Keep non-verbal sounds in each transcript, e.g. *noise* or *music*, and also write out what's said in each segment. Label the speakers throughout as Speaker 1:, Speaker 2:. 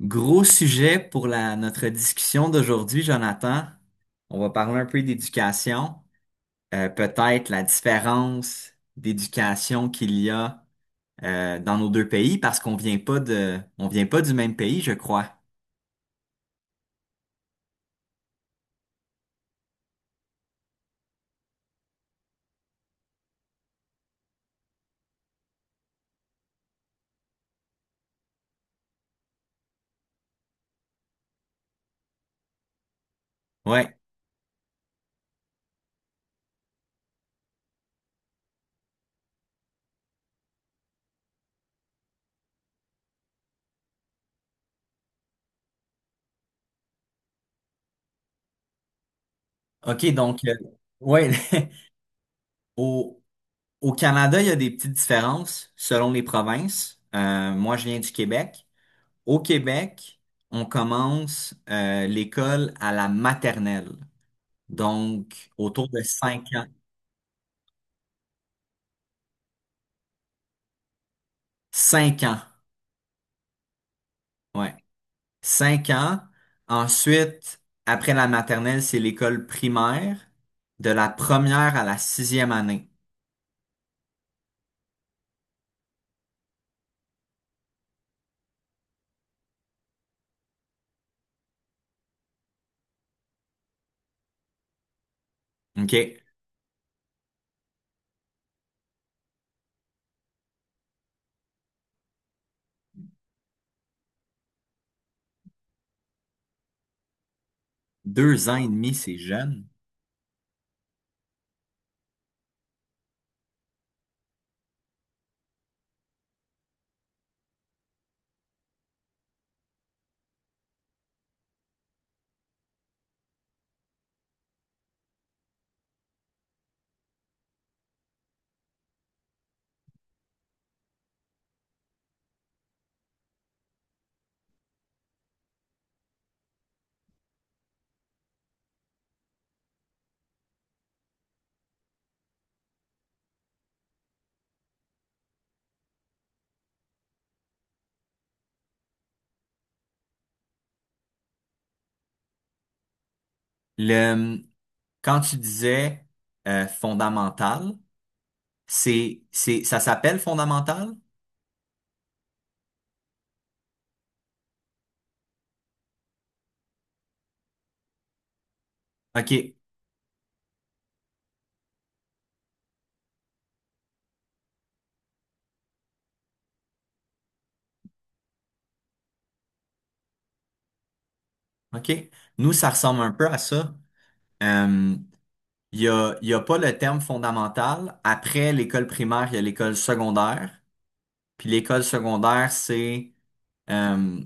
Speaker 1: Gros sujet pour notre discussion d'aujourd'hui, Jonathan. On va parler un peu d'éducation, peut-être la différence d'éducation qu'il y a dans nos deux pays parce qu'on vient pas de, on vient pas du même pays, je crois. Ouais. OK, ouais, *laughs* au, au Canada, il y a des petites différences selon les provinces. Moi, je viens du Québec. Au Québec, on commence l'école à la maternelle. Donc, autour de cinq ans. Cinq ans, ouais. Cinq ans. Ensuite, après la maternelle, c'est l'école primaire, de la première à la sixième année. OK? Deux ans et demi, c'est jeune. Le, quand tu disais fondamental, ça s'appelle fondamental? OK, OK. Nous, ça ressemble un peu à ça. Euh, il y a pas le terme fondamental. Après l'école primaire, il y a l'école secondaire. Puis l'école secondaire, c'est euh,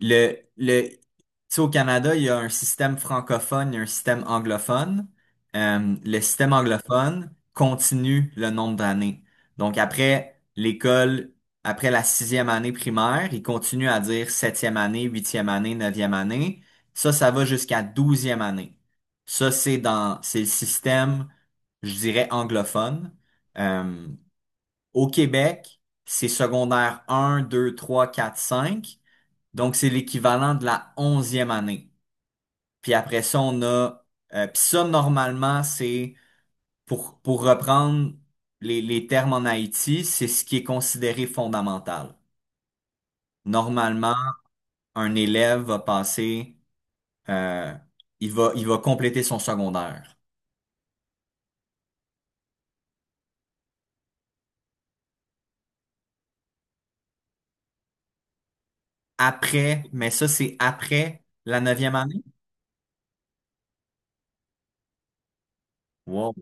Speaker 1: le... Tu sais, au Canada, il y a un système francophone et un système anglophone. Le système anglophone continue le nombre d'années. Donc après l'école, après la sixième année primaire, il continue à dire septième année, huitième année, neuvième année. Ça va jusqu'à douzième année. Ça, c'est le système, je dirais, anglophone. Euh, au Québec, c'est secondaire 1, 2, 3, 4, 5. Donc, c'est l'équivalent de la onzième année. Puis après ça, on a... puis ça, normalement, c'est... pour reprendre les termes en Haïti, c'est ce qui est considéré fondamental. Normalement, un élève va passer... euh, il va compléter son secondaire. Après, mais ça, c'est après la neuvième e année. Wow.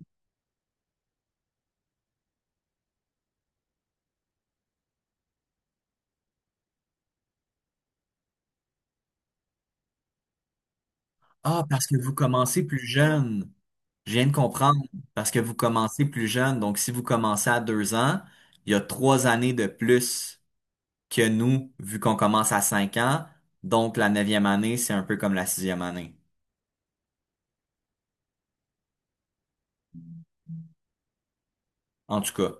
Speaker 1: Ah, parce que vous commencez plus jeune. Je viens de comprendre. Parce que vous commencez plus jeune. Donc, si vous commencez à deux ans, il y a trois années de plus que nous, vu qu'on commence à cinq ans. Donc, la neuvième année, c'est un peu comme la sixième année. En tout cas.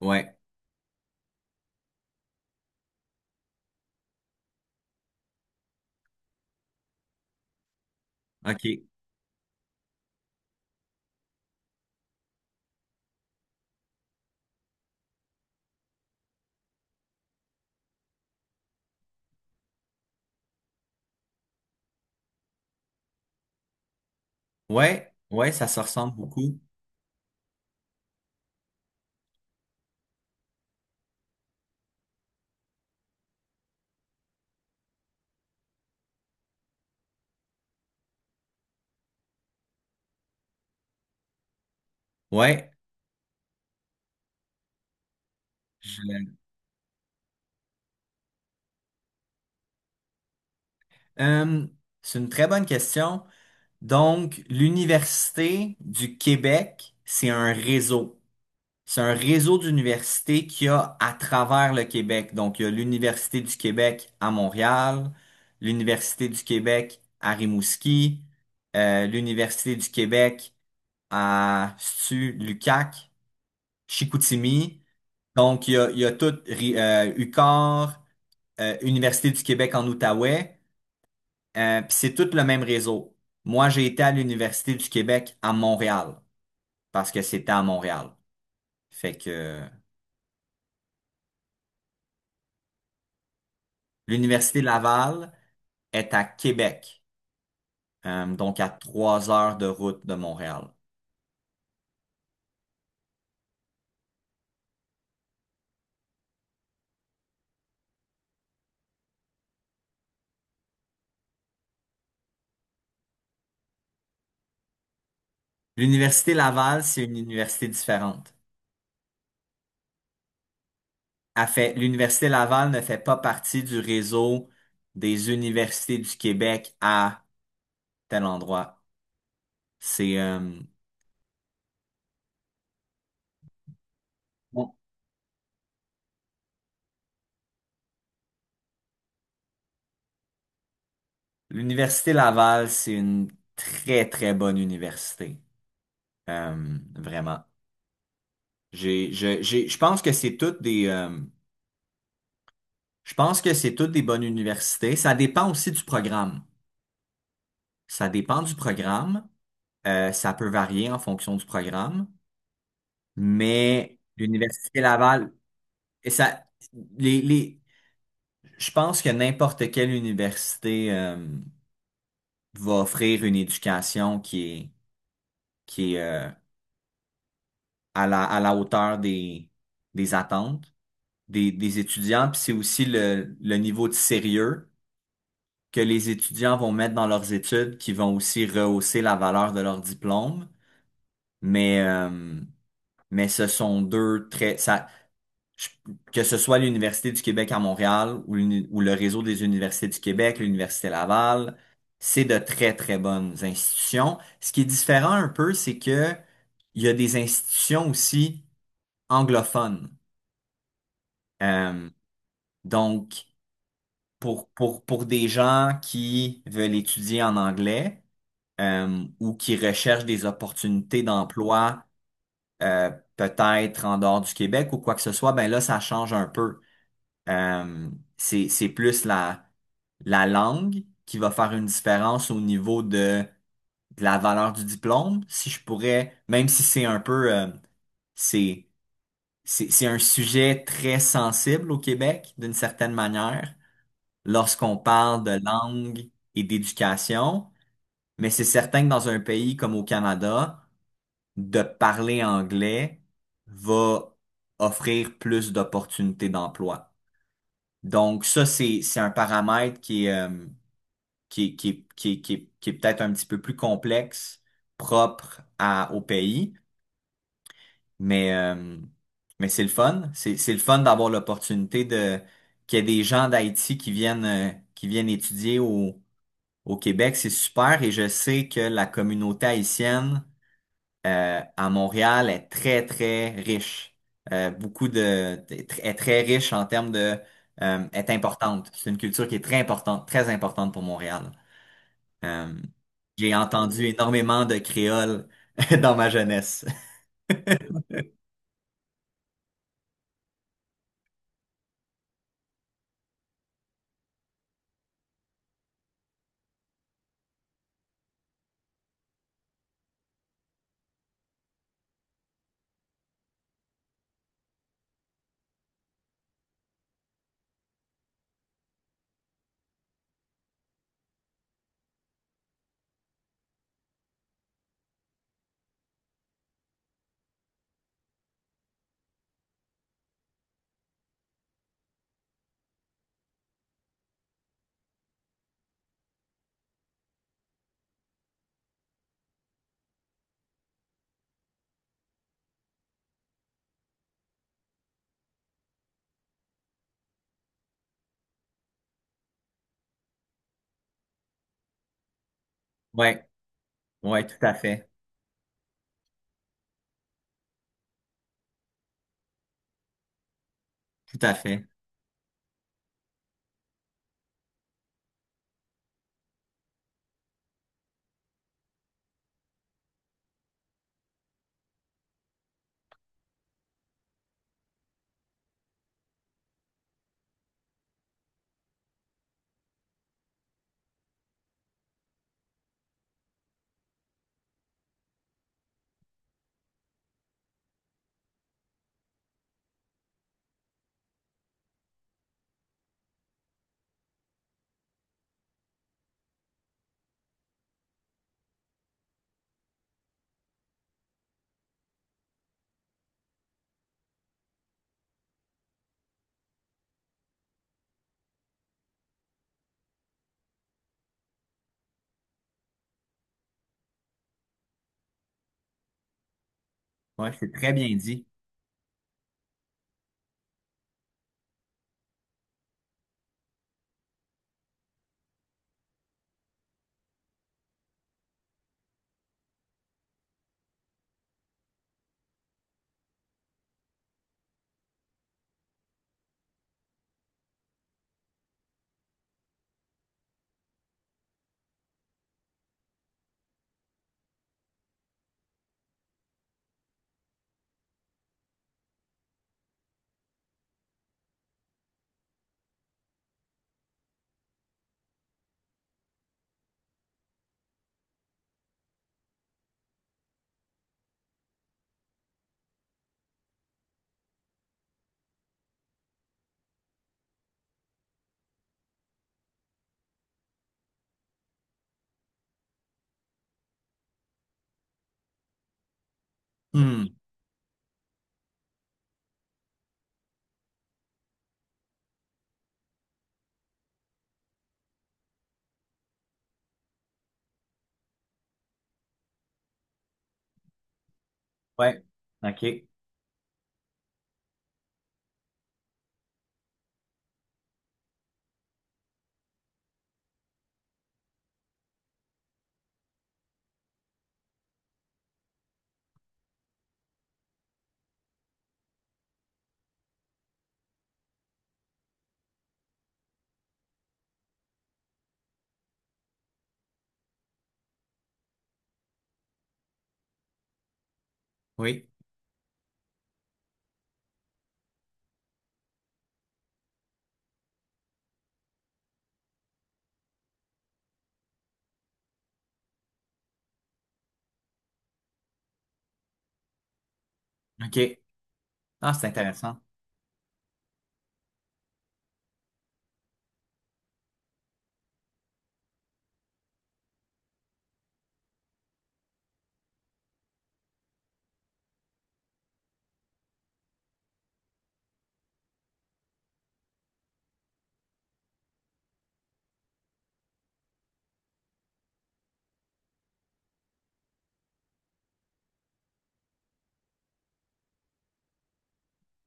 Speaker 1: Ouais. OK. Ouais. Ouais, ça se ressemble beaucoup. Ouais. Je- Euh, c'est une très bonne question. Donc, l'Université du Québec, c'est un réseau. C'est un réseau d'universités qu'il y a à travers le Québec. Donc, il y a l'Université du Québec à Montréal, l'Université du Québec à Rimouski, l'Université du Québec à Stu, Lucac, Chicoutimi. Donc, il y a tout UQAR, Université du Québec en Outaouais, puis c'est tout le même réseau. Moi, j'ai été à l'Université du Québec à Montréal, parce que c'était à Montréal. Fait que l'Université Laval est à Québec, donc à 3 heures de route de Montréal. L'Université Laval, c'est une université différente. l'Université Laval ne fait pas partie du réseau des universités du Québec à tel endroit. C'est, bon, l'Université Laval, c'est une très, très bonne université. Vraiment. Je pense que c'est toutes des, je pense que c'est toutes des bonnes universités. Ça dépend aussi du programme. Ça dépend du programme. Ça peut varier en fonction du programme, mais l'Université Laval, et ça, les, les, je pense que n'importe quelle université va offrir une éducation qui est à la hauteur des attentes des étudiants. Puis c'est aussi le niveau de sérieux que les étudiants vont mettre dans leurs études qui vont aussi rehausser la valeur de leur diplôme. Mais, euh, mais ce sont deux très, ça, je- que ce soit l'Université du Québec à Montréal ou, l'uni- ou le réseau des universités du Québec, l'Université Laval, c'est de très, très bonnes institutions. Ce qui est différent un peu, c'est que il y a des institutions aussi anglophones. Euh, donc, pour des gens qui veulent étudier en anglais ou qui recherchent des opportunités d'emploi euh, peut-être en dehors du Québec ou quoi que ce soit, ben là, ça change un peu. Euh, c'est plus la, la langue qui va faire une différence au niveau de la valeur du diplôme. Si je pourrais, même si c'est un peu, c'est, c'est un sujet très sensible au Québec, d'une certaine manière, lorsqu'on parle de langue et d'éducation, mais c'est certain que dans un pays comme au Canada, de parler anglais va offrir plus d'opportunités d'emploi. Donc ça, c'est un paramètre qui est, qui est peut-être un petit peu plus complexe, propre à, au pays, mais, euh, mais c'est le fun. C'est le fun d'avoir l'opportunité de qu'il y ait des gens d'Haïti qui viennent étudier au, au Québec. C'est super et je sais que la communauté haïtienne à Montréal est très, très riche. Est très riche en termes de, est importante. C'est une culture qui est très importante pour Montréal. Euh, j'ai entendu énormément de créoles *laughs* dans ma jeunesse. Ouais, ouais, tout à fait, tout à fait. Ouais, c'est très bien dit. Hmm, ouais, ok, oui, ok. Ah, c'est intéressant.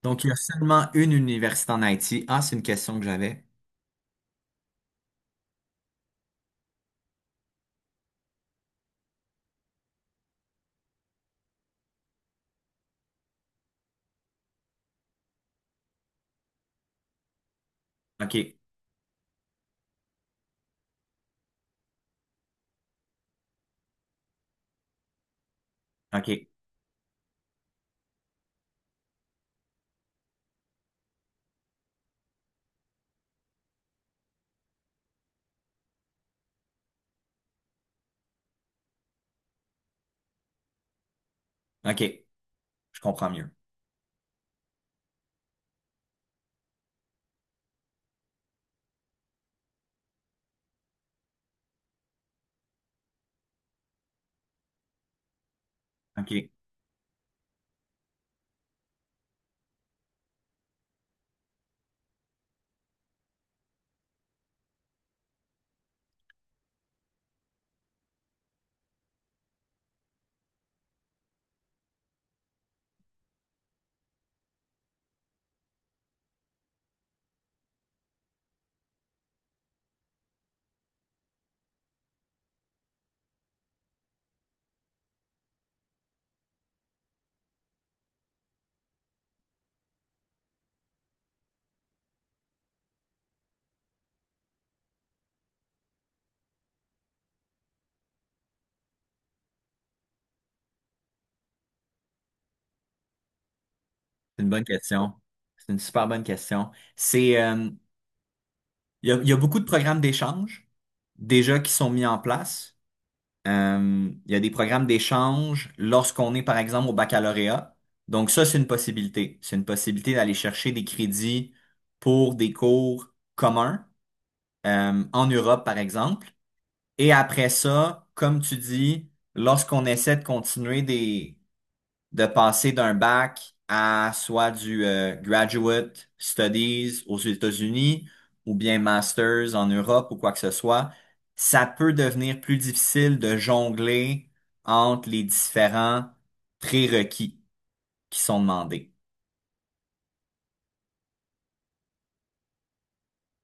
Speaker 1: Donc, il y a seulement une université en Haïti. Ah, c'est une question que j'avais. Ok, ok, ok, je comprends mieux. OK. C'est une bonne question. C'est une super bonne question. C'est, il y a beaucoup de programmes d'échange déjà qui sont mis en place. Il y a des programmes d'échange lorsqu'on est, par exemple, au baccalauréat. Donc ça, c'est une possibilité. C'est une possibilité d'aller chercher des crédits pour des cours communs, en Europe, par exemple. Et après ça, comme tu dis, lorsqu'on essaie de continuer des, de passer d'un bac à soit du graduate studies aux États-Unis ou bien masters en Europe ou quoi que ce soit, ça peut devenir plus difficile de jongler entre les différents prérequis qui sont demandés.